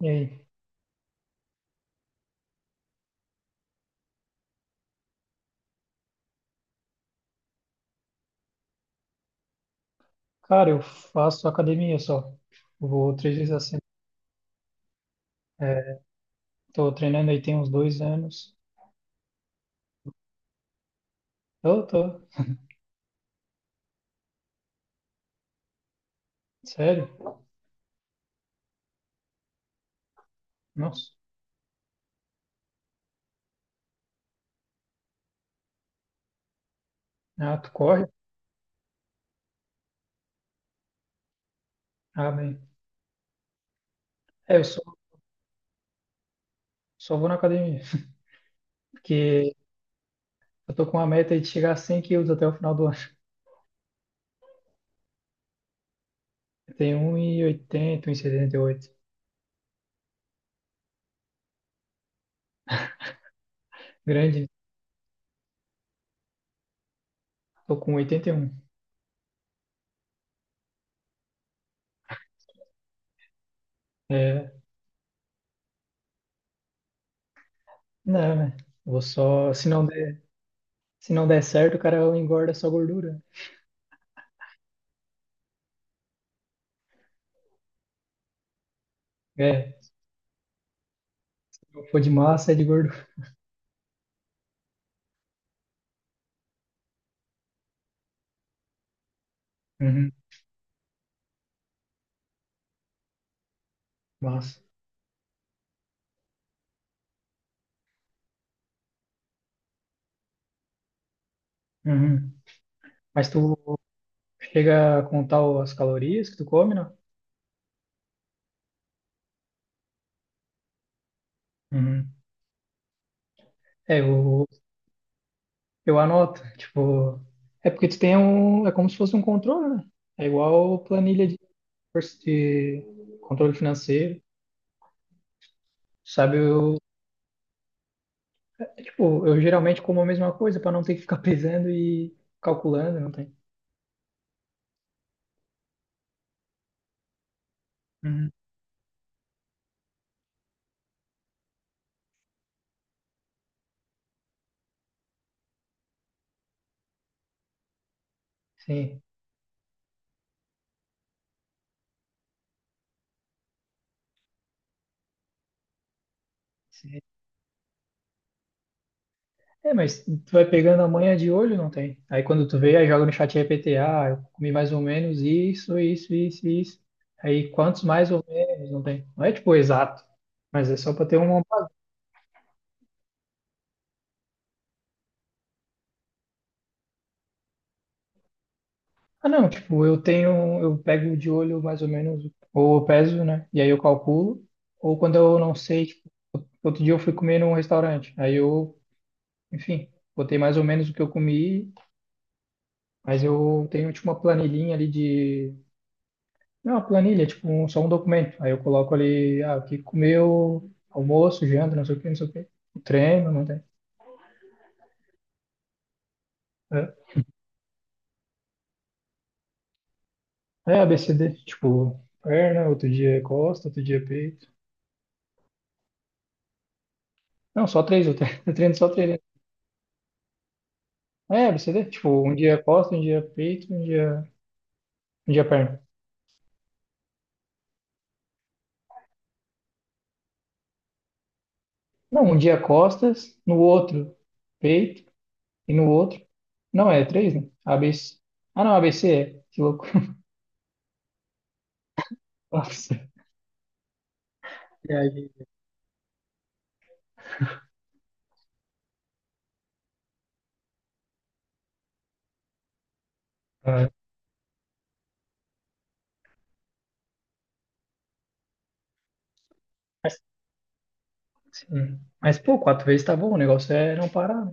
E aí? Cara, eu faço academia só. Eu vou três vezes a semana. É, tô treinando aí tem uns dois anos. Eu tô. Sério? Nossa. Ah, tu corre? Ah, bem. É, eu só, só vou na academia. Porque eu tô com uma meta aí de chegar a 100 quilos até o final do ano. Eu tenho um e oitenta, um e setenta e oito. Grande. Tô com 81. É, não, né? Vou só... Se não der, se não der certo, o cara engorda só gordura. É, se eu for de massa, é de gordura. Uhum, massa. Uhum. Mas tu chega a contar as calorias que tu come, não? Uhum. É, eu, eu anoto. Tipo, é porque tu tem um. É como se fosse um controle, né? É igual planilha de controle financeiro. Sabe, eu, é, tipo, eu geralmente como a mesma coisa para não ter que ficar pesando e calculando, não tem? Uhum. Sim. É, mas tu vai pegando a manha de olho, não tem? Aí quando tu vê, aí joga no chat GPT, ah, eu comi mais ou menos isso, isso, isso, isso. Aí quantos mais ou menos, não tem? Não é tipo exato, mas é só pra ter uma... Ah, não, tipo, eu tenho, eu pego de olho mais ou menos, ou eu peso, né? E aí eu calculo. Ou quando eu não sei, tipo, outro dia eu fui comer num restaurante, enfim, botei mais ou menos o que eu comi, mas eu tenho tipo uma planilhinha ali de Não, uma planilha, tipo, só um documento. Aí eu coloco ali, ah, o que comeu, almoço, janta, não sei o que, não sei o que. Treino, não tem. É, é ABCD, tipo, perna, outro dia é costa, outro dia é peito. Não, só três, eu treino, eu treino só três, né? É, ABCD, tipo, um dia é costa, um dia é peito, um dia é perna. Não, um dia é costas, no outro peito e no outro. Não, é três, né? ABC. Ah, não, ABC é. Que louco. Nossa. E aí, ah, sim. Mas, pô, quatro vezes tá bom. O negócio é não parar, né?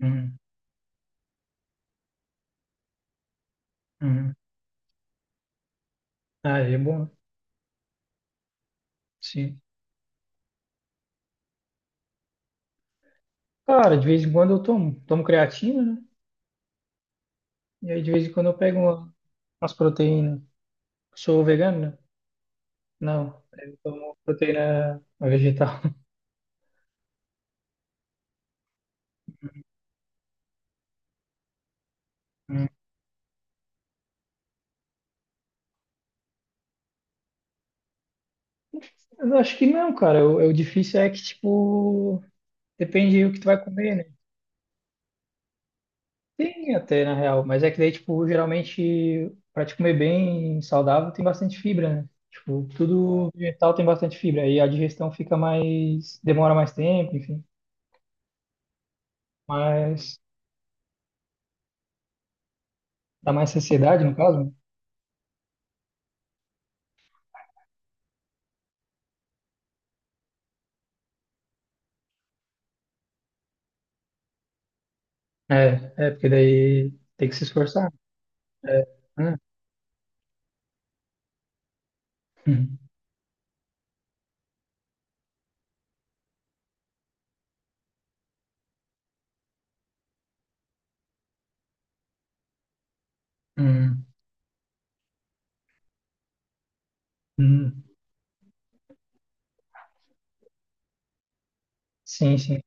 Uhum. Uhum. Ah, é bom, né? Sim. Cara, de vez em quando eu tomo. Tomo creatina, né? E aí de vez em quando eu umas proteínas. Sou vegano, né? Não. Eu tomo proteína vegetal. Hum. Eu acho que não, cara. O difícil é que, tipo, depende do que tu vai comer, né? Tem até, na real, mas é que daí, tipo, geralmente, pra te comer bem saudável, tem bastante fibra, né? Tipo, tudo vegetal tem bastante fibra, aí a digestão fica mais, demora mais tempo, enfim, mas dá mais saciedade, no caso, né? É, é, porque daí tem que se esforçar, né? É, né? Hum, hum, hum. Sim, sim.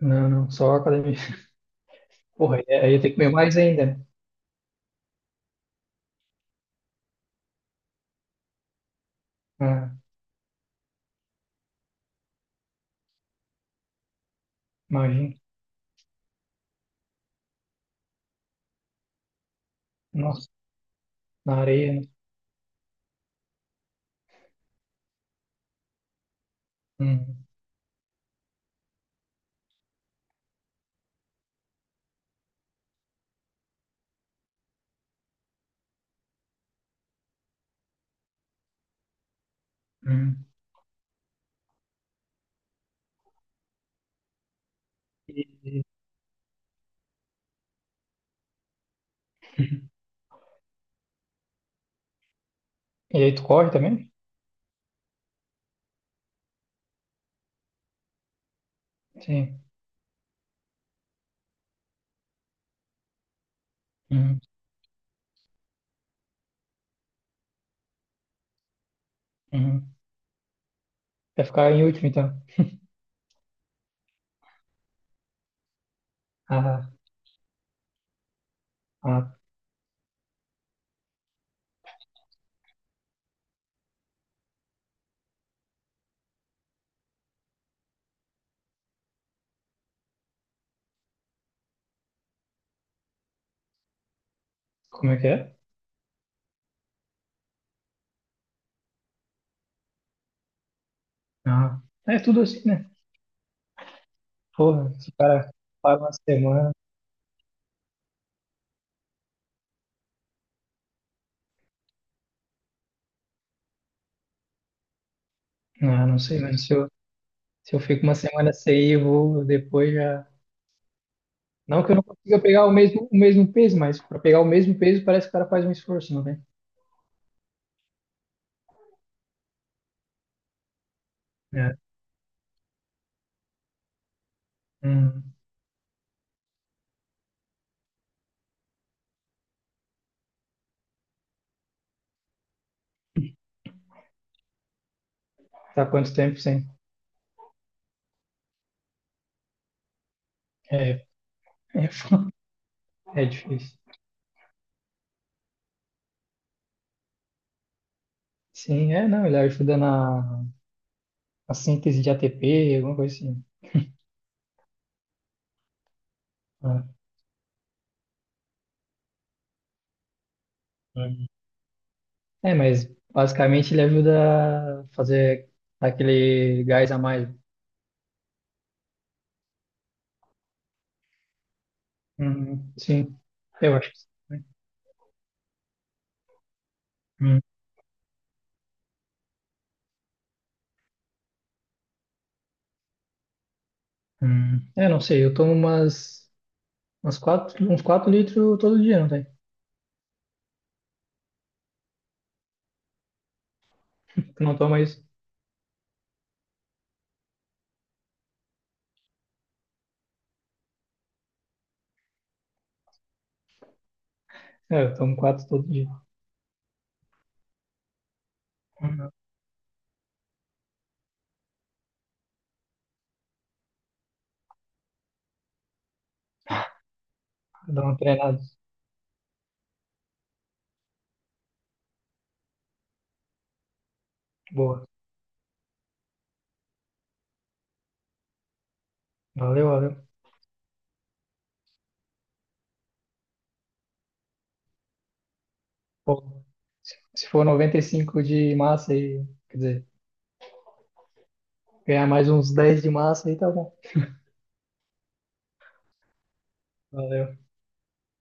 Não, não, só academia. Porra, aí eu tenho que comer mais ainda, né? Ah, imagina. Nossa, na areia, né? Hum, hum. E, e aí tu corre também? Sim. Hum. Uhum. Vai ficar em último, então. Ah, ah, como é que é? Ah, é tudo assim, né? Porra, se o cara para uma semana, ah, não sei, se eu fico uma semana sem ir, eu vou depois já. Não que eu não consiga pegar o mesmo peso, mas para pegar o mesmo peso parece que o cara faz um esforço, não tem? É. Hum. Tá quanto tempo sem? É, é, é difícil. Sim, não, ele ajuda na síntese de ATP, alguma coisa assim. Ah, é. É, mas basicamente ele ajuda a fazer aquele gás a mais. Uhum, sim, eu acho que sim. Hum, É, não sei, umas quatro, uns 4 litros todo dia, não tem? Tu não toma isso? É, eu tomo 4 todo dia. Uhum. Dá uma treinada. Boa. Valeu, valeu. Se for 95 de massa e, quer dizer, ganhar mais uns 10 de massa aí, tá bom. Valeu.